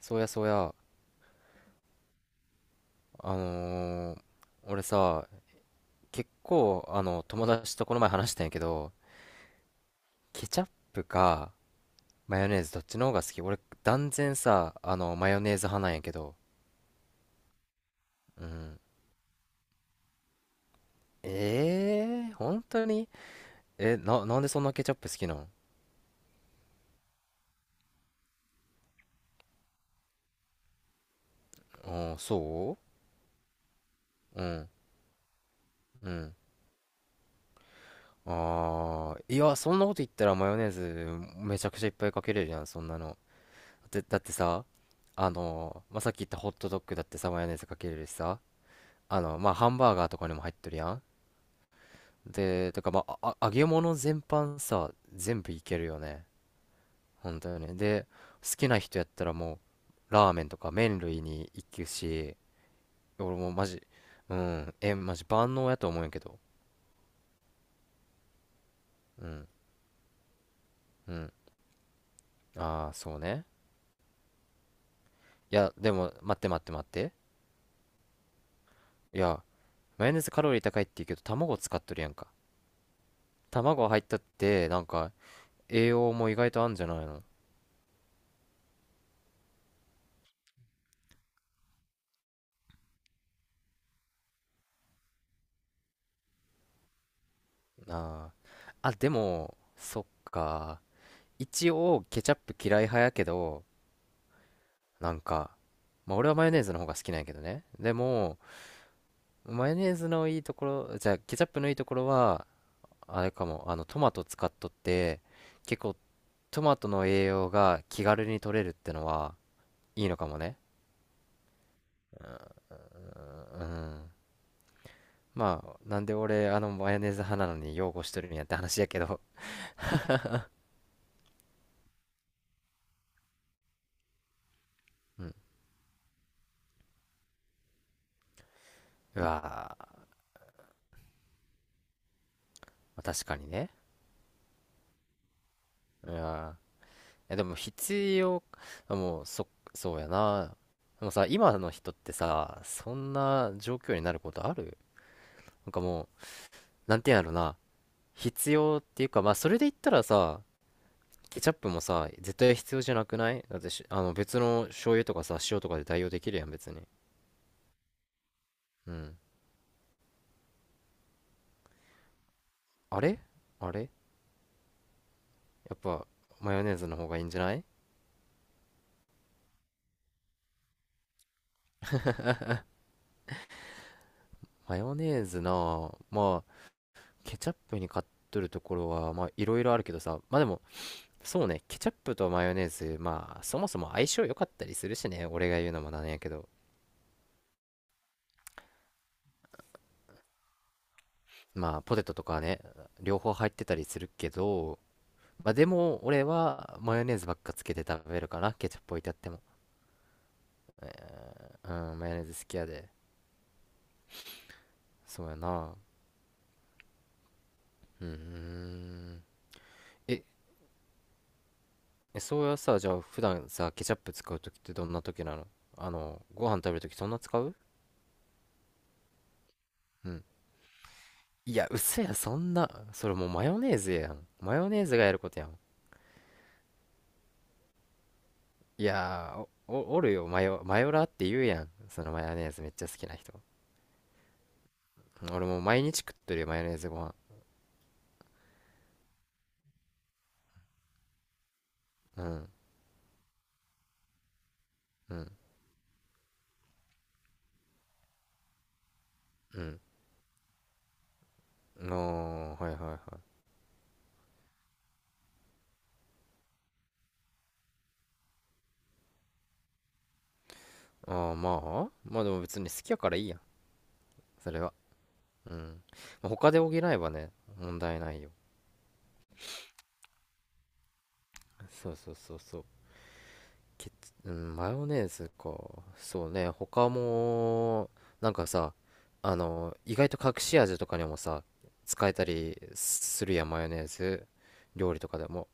そうやそうや、あのー俺さ、結構、友達とこの前話したんやけど、ケチャップかマヨネーズどっちの方が好き？俺、断然さ、マヨネーズ派なんやけど、うん。え本当に？なんでそんなケチャップ好きなん？あー、そう。うん、うん。あー、いや、そんなこと言ったらマヨネーズめちゃくちゃいっぱいかけれるやん、そんなの。だってさ、まあ、さっき言ったホットドッグだってさ、マヨネーズかけれるしさ、まあ、ハンバーガーとかにも入ってるやん。で、とか、まあ、揚げ物全般さ、全部いけるよね。本当よね。で、好きな人やったらもう、ラーメンとか麺類に行くし、俺もマジ、うん、え、マジ万能やと思うんやけど。うん、うん。ああ、そうね。いや、でも、待って待って待って。いや、マヨネーズカロリー高いって言うけど、卵使っとるやんか。卵入ったって、なんか、栄養も意外とあんじゃないの。ああ。あ、でも、そっか。一応ケチャップ嫌い派やけど、なんか、まあ俺はマヨネーズの方が好きなんやけどね。でも、マヨネーズのいいところ、じゃあケチャップのいいところは、あれかも。トマト使っとって、結構トマトの栄養が気軽に取れるってのはいいのかもね。うん、まあなんで俺マヨネーズ派なのに擁護しとるんやって話やけど。うん。うわー、確かにね。うん。え、でも必要、もう、そ、そうやな。でもさ、今の人ってさ、そんな状況になることある？なんかもう、なんていうんやろな。必要っていうか、まあ、それで言ったらさ、ケチャップもさ、絶対必要じゃなくない？だってし別の醤油とかさ、塩とかで代用できるやん、別に。うん。あれ、あれやっぱ、マヨネーズの方がいいんじゃない？マヨネーズな、あ、まあ、ケチャップに買っとるところは、まあ、いろいろあるけどさ、まあでも、そうね、ケチャップとマヨネーズ、まあ、そもそも相性良かったりするしね、俺が言うのもなんやけど、まあ、ポテトとかはね、両方入ってたりするけど、まあ、でも、俺はマヨネーズばっかつけて食べるかな、ケチャップ置いてあっても。え、うん、マヨネーズ好きやで。そうやな。うーん。え、え、そうやさ、じゃあ、普段さ、ケチャップ使うときってどんなときなの？ご飯食べるときそんな使う？うん。いや、嘘や、そんな。それもうマヨネーズやん。マヨネーズがやることやん。いやー、お、おおるよ、マヨ、マヨラーって言うやん、そのマヨネーズめっちゃ好きな人。うん、俺もう毎日食ってるよ、マヨネーズご飯。うん、うん、うん、はいはいはい。あー、まあまあでも別に好きやからいいやん。それは。うん、まあ他で補えばね問題ないよ。そうそうそうそう。ケチ、うん、マヨネーズか、そうね他も、なんかさ、意外と隠し味とかにもさ使えたりするやん、マヨネーズ。料理とかでも、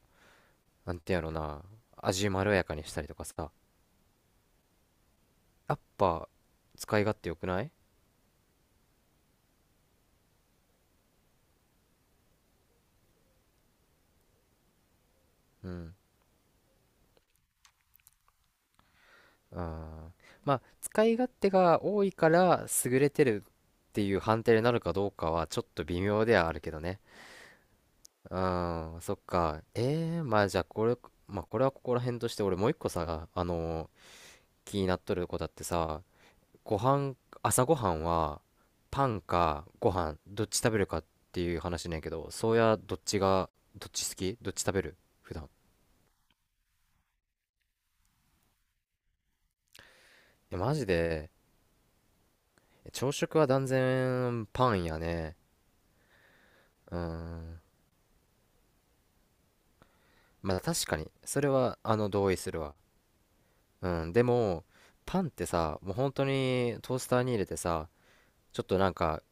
なんてやろな、味まろやかにしたりとかさ、やっぱ使い勝手良くない？うん。あー、まあ、使い勝手が多いから優れてるっていう判定になるかどうかはちょっと微妙ではあるけどね。うん、そっか。えー、まあじゃあこれ、まあこれはここら辺として。俺もう一個さ、気になっとる子だってさ、ご飯、朝ごはんはパンかご飯どっち食べるかっていう話ねんけど。そうや、どっちが、どっち好き？どっち食べる普段？え、マジで？朝食は断然パンやね。うん、まあ確かにそれは同意するわ。うんでも、パンってさ、もう本当にトースターに入れてさ、ちょっとなんか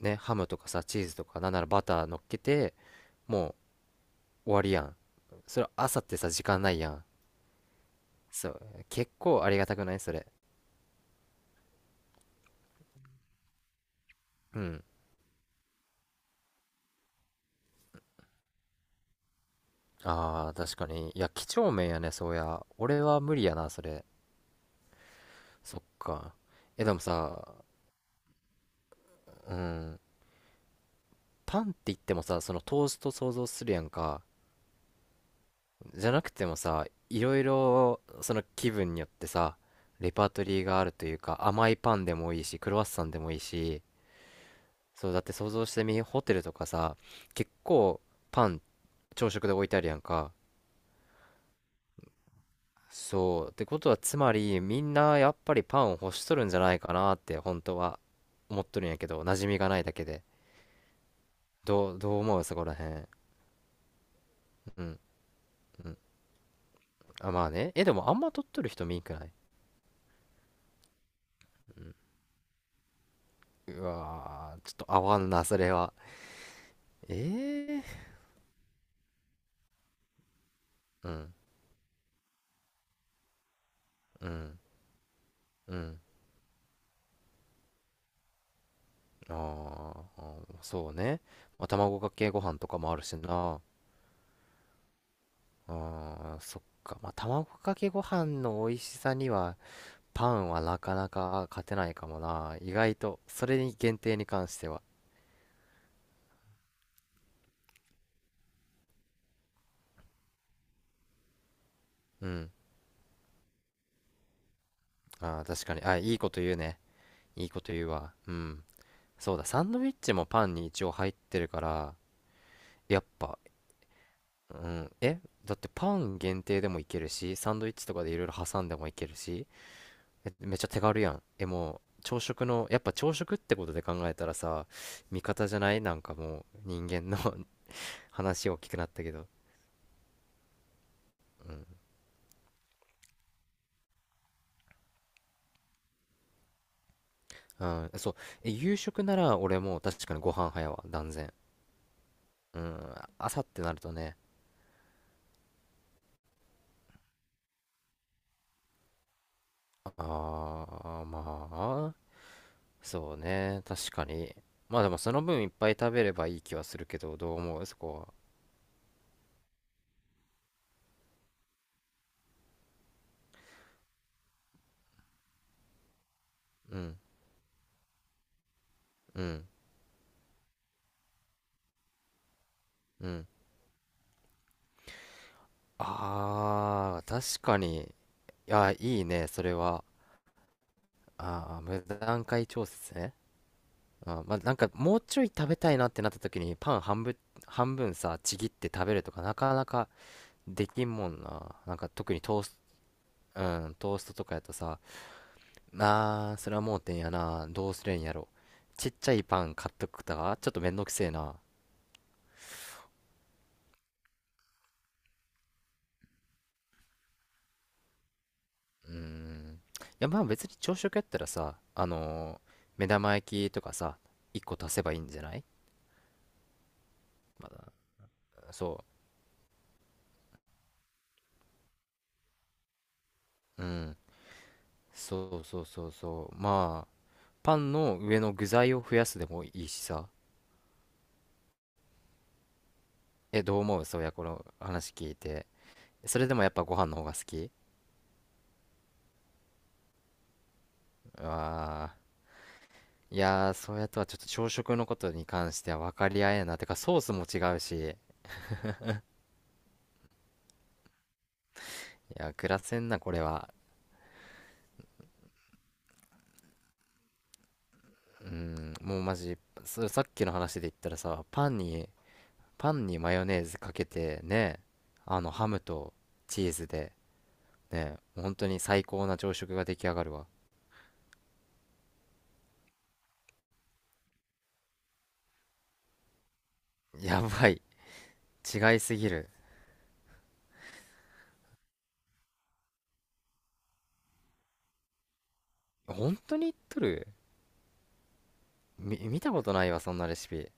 ね、ハムとかさチーズとかなんならバター乗っけてもう終わりやん。それ朝ってさ時間ないやん。そう結構ありがたくないそれ？うん、あー確かに。いや几帳面やね、そうや、俺は無理やなそれ。そっか。え、でもさ、うん、パンって言ってもさ、そのトースト想像するやんか。じゃなくてもさ、いろいろその気分によってさ、レパートリーがあるというか、甘いパンでもいいしクロワッサンでもいいし。そうだって想像してみ、ホテルとかさ、結構パン朝食で置いてあるやんか。そう。ってことは、つまり、みんなやっぱりパンを欲しとるんじゃないかなって、本当は思っとるんやけど、馴染みがないだけで。どう、どう思うそこらへん？うん、うん。あ、まあね。え、でもあんま取っとる人見んくない？うん、うわー、ちょっと合わんな、それは。えー、うん、うん、うん。あー、あーそうね。まあ、卵かけご飯とかもあるしな。あー、そっか。まあ、卵かけご飯の美味しさには、パンはなかなか勝てないかもな。意外と、それに限定に関しては。うん。ああ、確かに。あ、いいこと言うね。いいこと言うわ。うん。そうだ、サンドイッチもパンに一応入ってるから、やっぱ、うん。え、だってパン限定でもいけるし、サンドイッチとかでいろいろ挟んでもいけるし、えめっちゃ手軽やん。え、もう、朝食の、やっぱ朝食ってことで考えたらさ、味方じゃない？なんかもう、人間の。 話大きくなったけど。うん、うん、そう。え、夕食なら俺もう確かにご飯早わ、断然。うん、朝ってなるとね、あー、まあ、そうね、確かに。まあでもその分いっぱい食べればいい気はするけど、どう思うそこは？うん、うん、うん。あー、確かに。いや、いいね、それは。あー、無段階調節ね。あ、まあ、なんかもうちょい食べたいなってなった時にパン半分、半分さちぎって食べるとかなかなかできんもんな。なんか特にトース、うん、トーストとかやとさ、なあー、それは盲点やな。どうすりゃいいんやろ。ちっちゃいパン買っとくとか、ちょっとめんどくせえな。うーん。いや、まあ別に朝食やったらさ、目玉焼きとかさ、1個足せばいいんじゃない？まだ、そう。うん。そうそうそうそう。まあ、パンの上の具材を増やすでもいいしさ。え、どう思うそういや、この話聞いて。それでもやっぱご飯の方が好き？ああー。いやー、そうやとはちょっと朝食のことに関しては分かり合えんな。てか、ソースも違うし、いや、暮らせんな、これは。うん、もうマジ、そ、さっきの話で言ったらさ、パンに、パンにマヨネーズかけて、ね、ハムとチーズで、ね、本当に最高な朝食が出来上がるわ。やばい、違いすぎる。本当に言っとる？み、見たことないわ、そんなレシピ。